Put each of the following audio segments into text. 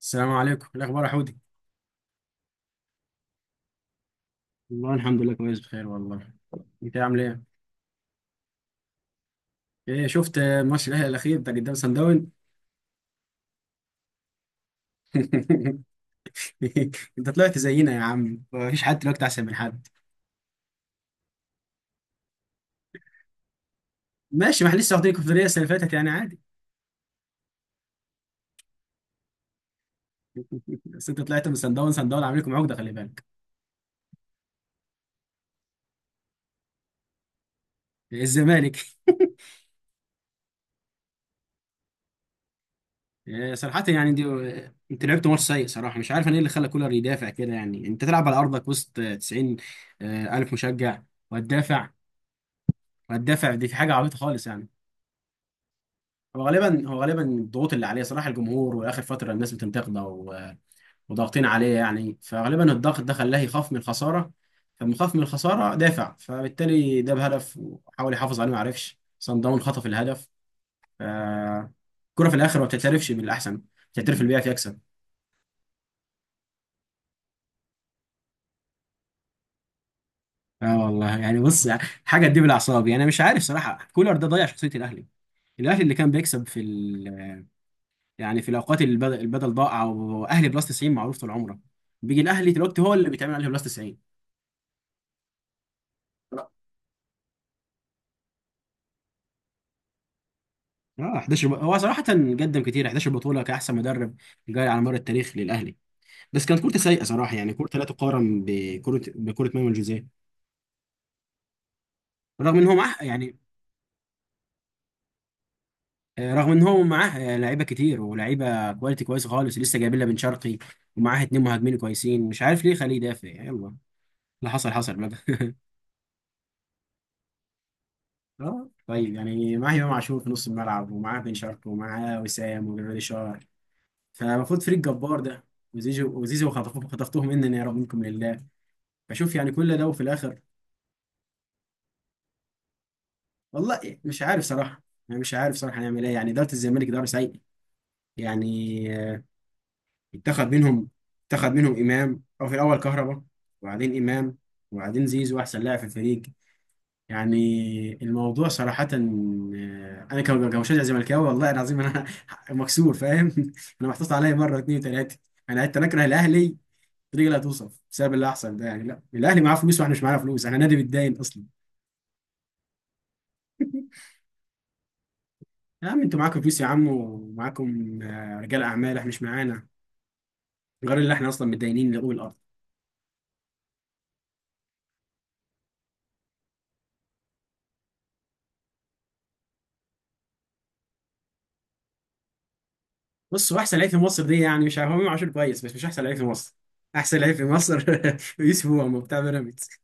السلام عليكم، إيه الاخبار يا حودي؟ والله الحمد لله كويس بخير والله. انت عامل ايه؟ ايه شفت ماتش الاهلي الاخير بتاع قدام سان داون؟ انت طلعت زينا يا عم، مفيش حد دلوقتي احسن من حد. ماشي، ما احنا لسه واخدين الكونفدراليه السنه اللي فاتت يعني عادي. بس انت طلعت من سان داون، سان داون عامل لكم عقده خلي بالك. إيه، الزمالك. إيه صراحه يعني دي. انت لعبت ماتش سيء صراحه، مش عارف انا ايه اللي خلى كولر يدافع كده. يعني انت تلعب على ارضك وسط 90 الف مشجع وهتدافع وهتدافع دي في حاجه عبيطه خالص يعني. هو غالبا الضغوط اللي عليه صراحه، الجمهور واخر فتره الناس بتنتقده وضاغطين عليه يعني، فغالبا الضغط ده خلاه يخاف من الخساره. فلما خاف من الخساره دافع، فبالتالي جاب هدف وحاول يحافظ عليه، ما عرفش، صن داون خطف الهدف. ف- الكره في الاخر ما بتعترفش بالاحسن، بتعترف اللي بيعرف يكسب. اه والله يعني بص، حاجه تجيب الاعصاب يعني. انا مش عارف صراحه، كولر ده ضيع شخصيه الاهلي. الاهلي اللي كان بيكسب في، يعني في الاوقات اللي البدل ضاع، او اهلي بلس 90 معروف طول عمره، بيجي الاهلي دلوقتي هو اللي بيتعمل عليه بلس 90. اه، 11 هو صراحه قدم كتير، 11 بطوله كاحسن مدرب جاري على مر التاريخ للاهلي. بس كانت كورته سيئه صراحه يعني، كورته لا تقارن بكره مانويل جوزيه، رغم ان هو معاه يعني. رغم ان هو معاه لعيبه كتير ولعيبه كواليتي كويسه خالص، لسه جايبين لها بن شرقي ومعاه اتنين مهاجمين كويسين، مش عارف ليه خليه يدافع. يلا، اللي حصل حصل بقى. اه طيب، يعني معاه امام عاشور في نص الملعب، ومعاه بن شرقي ومعاه وسام وجرادي شار، فالمفروض فريق جبار ده. وزيزو، وزيزو خطفوه خطفتهم، انني يا رب منكم لله. بشوف يعني كل ده وفي الاخر. والله مش عارف صراحه. انا مش عارف صراحه هنعمل ايه، يعني اداره الزمالك اداره سيئه يعني. اتخذ منهم، اتخذ منهم امام، او في الاول كهربا، وبعدين امام، وبعدين زيزو احسن لاعب في الفريق يعني. الموضوع صراحة، أنا كمشجع زملكاوي والله العظيم أنا مكسور فاهم أنا محطوط عليا مرة اتنين وتلاتة. أنا حتى أكره الأهلي بطريقة لا توصف بسبب اللي حصل ده. يعني لا، الأهلي معاه فلوس وإحنا مش معانا فلوس، إحنا نادي بيتداين أصلا. يا عم، أنتوا معاكم فلوس يا عم، ومعاكم رجال أعمال، إحنا مش معانا غير اللي إحنا أصلا متداينين لأول الأرض. بصوا، أحسن لعيب في مصر دي يعني مش عارف، هو إمام عاشور كويس بس مش أحسن لعيب في مصر. أحسن لعيب في مصر يوسف، هو بتاع بيراميدز.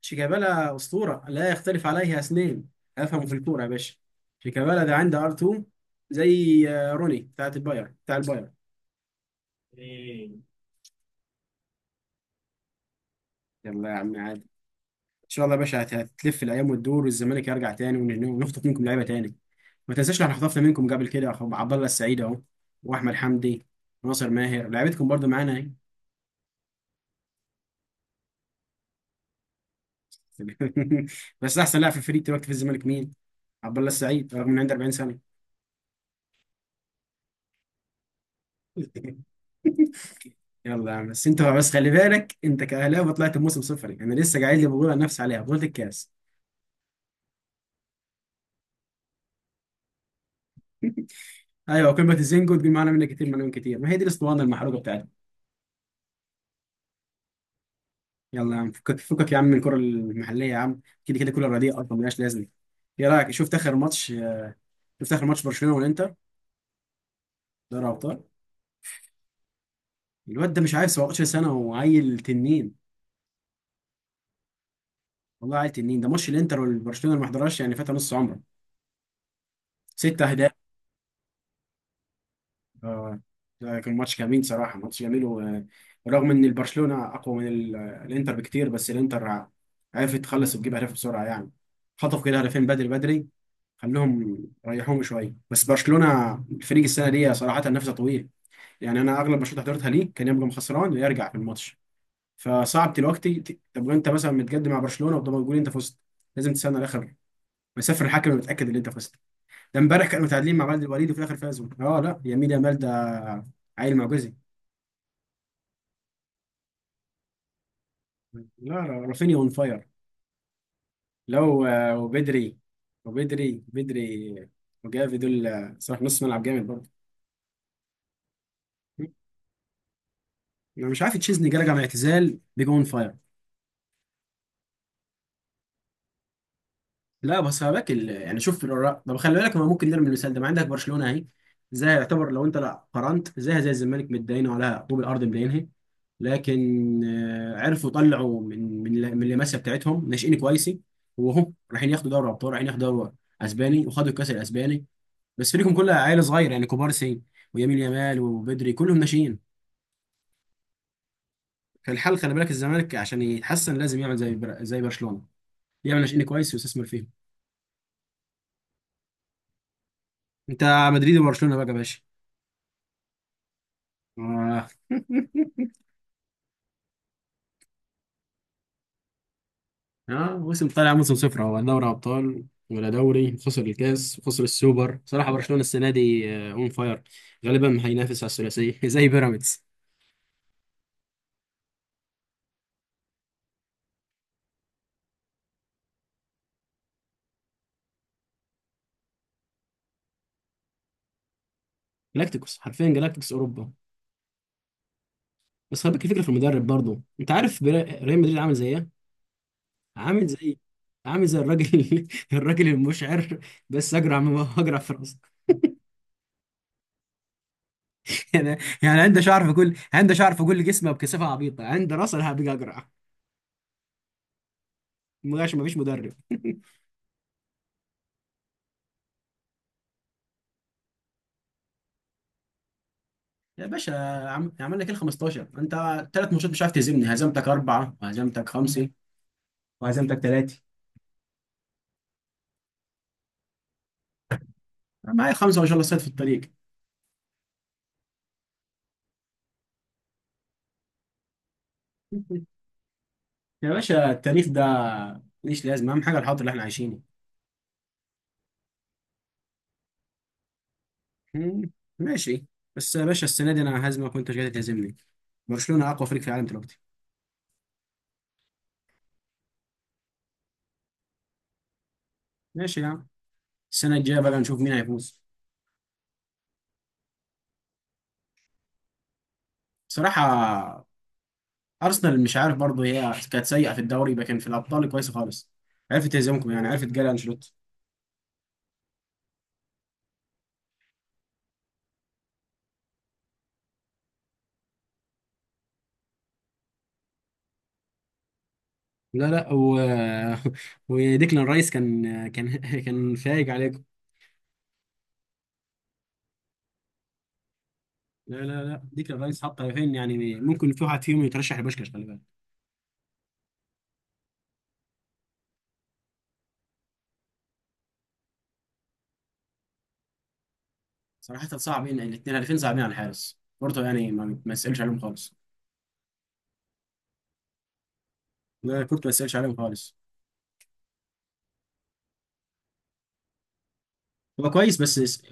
شيكابالا أسطورة، لا يختلف عليه اثنين. أفهم في الكورة يا باشا، شيكابالا ده عنده ار 2، زي روني، بتاعت الباير بتاع الباير. إيه. يلا يا عم عادي، ان شاء الله يا باشا هتلف الايام وتدور، والزمالك يرجع تاني ونخطف منكم لعيبه تاني. ما تنساش، احنا خطفنا منكم قبل كده أخو عبد الله السعيد اهو، واحمد حمدي، وناصر ماهر، لعيبتكم برضو معانا اهي. بس احسن لاعب في الفريق دلوقتي في الزمالك مين؟ عبد الله السعيد، رغم انه عنده 40 سنه. يلا يا عم، بس انت بس خلي بالك، انت كاهلاوي طلعت بموسم صفري، انا لسه قاعد لي بقول عن نفسي عليها بطوله الكاس. ايوه، قمه الزنجو، تجيب معانا منها كتير مليون كتير، ما هي دي الاسطوانه المحروقه بتاعتنا. يلا يا عم، فكك فكك يا عم من الكره المحليه يا عم، كده كده كل الرديئه اصلا ملهاش لازمه. ايه رايك، شفت اخر ماتش؟ شفت اخر ماتش برشلونه والانتر؟ دوري ابطال. الواد ده مش عارف، 17 سنه وعيل تنين. والله عيل تنين. ده ماتش الانتر والبرشلونه اللي ما حضرهاش يعني فات نص عمره. ست اهداف. اه ده كان ماتش جميل صراحة، ماتش جميل، ورغم ان البرشلونة اقوى من الانتر بكتير، بس الانتر عرفت تخلص وتجيب اهداف بسرعة يعني. خطفوا كده هدفين بدري بدري، خلوهم ريحوهم شوية. بس برشلونة الفريق السنة دي صراحة نفسه طويل يعني، انا اغلب ماتشات حضرتها ليه كان يبقى خسران ويرجع في الماتش. فصعب دلوقتي طب انت مثلا متقدم مع برشلونة وطب تقول انت فزت، لازم تستنى الاخر، مسافر الحكم متأكد ان انت فزت. ده امبارح كانوا متعادلين مع بلد الوليد وفي الاخر فازوا. اه لا، يمين يامال ده عيل معجزي. لا لا، رافينيا اون فاير. لو وبدري، وبدري وجافي، دول صراحة نص ملعب جامد برضه. انا مش عارف تشيزني جالك على اعتزال بيجون فاير. لا بس خلي بالك يعني شوف الأوراق. طب خلي بالك، ما ممكن نرمي المثال ده، ما عندك برشلونه اهي، زي، يعتبر لو انت لا قارنت زيها زي الزمالك متداينه على طوب الارض مدينها، لكن عرفوا يطلعوا من من اللمسه بتاعتهم، ناشئين كويسين. وهم رايحين ياخدوا دوري ابطال، رايحين ياخدوا دوري اسباني، وخدوا الكاس الاسباني. بس فريقهم كلها عيال صغير يعني، كبار سن ويمين يامال وبدري كلهم ناشئين. فالحل خلي بالك، الزمالك عشان يتحسن لازم يعمل زي زي برشلونه، يعمل ناشئين كويس ويستثمر فيهم. انت مدريد وبرشلونه بقى يا باشا. آه. اه موسم، طالع موسم صفر، هو لا دوري ابطال ولا دوري، خسر الكاس، خسر السوبر. صراحه برشلونه السنه دي اون فاير، غالبا هينافس على الثلاثيه زي بيراميدز. جلاكتيكوس، حرفيا جلاكتيكوس اوروبا. بس خلي بالك الفكره في المدرب برضه، انت عارف ريال مدريد عامل زي ايه؟ عامل زي، عامل زي الراجل الراجل المشعر، بس اجرع من اجرع في راسك يعني. يعني عنده شعر في كل، عنده شعر في كل جسمه بكثافه عبيطه، عنده راس انا هبقى اجرع، ما فيش مدرب. يا باشا، عملنا كده 15 انت، ثلاث ماتشات مش عارف تهزمني، هزمتك اربعه وهزمتك خمسه وهزمتك ثلاثه. معايا خمسه ما شاء الله، صيد في الطريق. يا باشا التاريخ ده ماليش لازمه، اهم حاجه الحاضر اللي احنا عايشينه. مم، ماشي. بس يا باشا، السنه دي انا هزمك وانت مش قادر تهزمني، برشلونه اقوى فريق في العالم دلوقتي. ماشي يا عم، السنه الجايه بقى نشوف مين هيفوز. بصراحه ارسنال مش عارف برضه، هي كانت سيئه في الدوري لكن في الابطال كويسه خالص، عرفت تهزمكم يعني، عرفت جاري انشيلوتي. لا لا وديكلان رايس كان كان فايق عليكم. لا لا لا، ديكلان رايس حط هدفين يعني، ممكن في واحد فيهم يترشح لبوشكاش خلي بالك. صراحة صعبين الاثنين، هدفين صعبين على الحارس بورتو يعني، ما يسألش عليهم خالص. لا كورتو ما يسألش عليهم خالص. هو كويس بس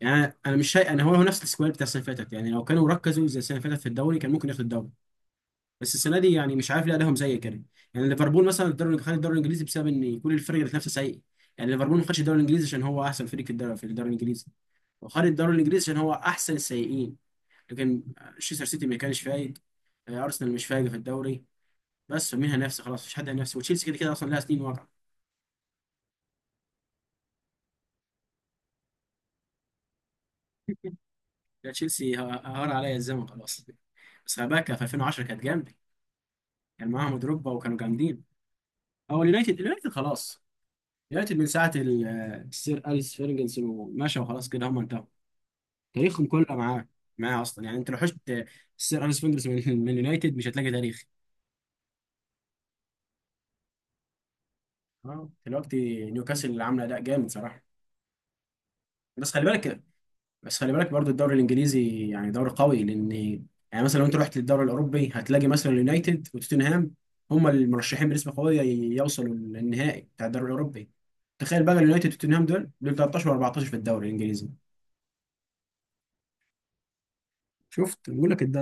يعني انا مش شايف، انا هو نفس السكواد بتاع السنة اللي فاتت يعني، لو كانوا ركزوا زي السنة اللي فاتت في الدوري كان ممكن ياخد الدوري. بس السنه دي يعني مش عارف ليه ادائهم سيء كده. يعني ليفربول مثلا الدوري، خد الدوري الانجليزي بسبب ان كل الفرق اللي نفسها سيء، يعني ليفربول ما خدش الدوري الانجليزي عشان هو احسن فريق في الدوري، في الدوري الانجليزي وخد الدوري الانجليزي عشان هو احسن السيئين. لكن تشيلسي، سيتي ما كانش فايق، آه، ارسنال مش فايق في الدوري، بس مين هينافسه؟ خلاص مفيش حد هينافسه، وتشيلسي كده كده اصلا لها سنين واقعه. لا تشيلسي هار عليا الزمن خلاص. بس خباكه في 2010 كانت جامده، كان معاهم دروجبا وكانوا جامدين. هو اليونايتد، اليونايتد خلاص دلوقتي، من ساعة السير أليس فيرجنسون ومشى وخلاص كده هم انتهوا. تاريخهم كله معاه، معاه أصلا يعني. أنت لو حشت السير أليس فيرجنسون من يونايتد مش هتلاقي تاريخ. اه دلوقتي نيوكاسل اللي عاملة أداء جامد صراحة. بس خلي بالك بس خلي بالك برضو الدوري الإنجليزي يعني دوري قوي، لأن يعني مثلا لو أنت رحت للدوري الأوروبي هتلاقي مثلا اليونايتد وتوتنهام، هم المرشحين بنسبة قوية يوصلوا للنهائي بتاع الدوري الأوروبي. تخيل بقى اليونايتد وتوتنهام دول 13 و14 في الدوري الإنجليزي. شفت بقول لك ده،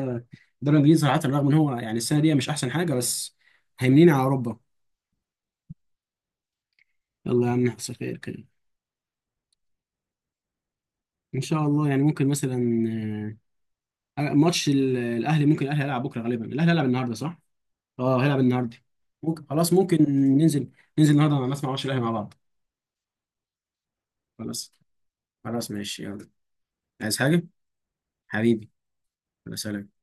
الدوري الانجليزي صراحه رغم ان هو يعني السنه دي مش احسن حاجه، بس هيمنين على اوروبا. يلا يا عم نحصل خير كده. ان شاء الله، يعني ممكن مثلا ماتش الاهلي، ممكن الاهلي هيلعب بكره، غالبا الاهلي هيلعب النهارده صح؟ اه هيلعب النهارده. ممكن خلاص، ممكن ننزل ننزل النهارده مع الناس مع ماتش الاهلي مع بعض. خلاص، خلاص ماشي يلا. عايز حاجه. حبيبي، يلا سلام.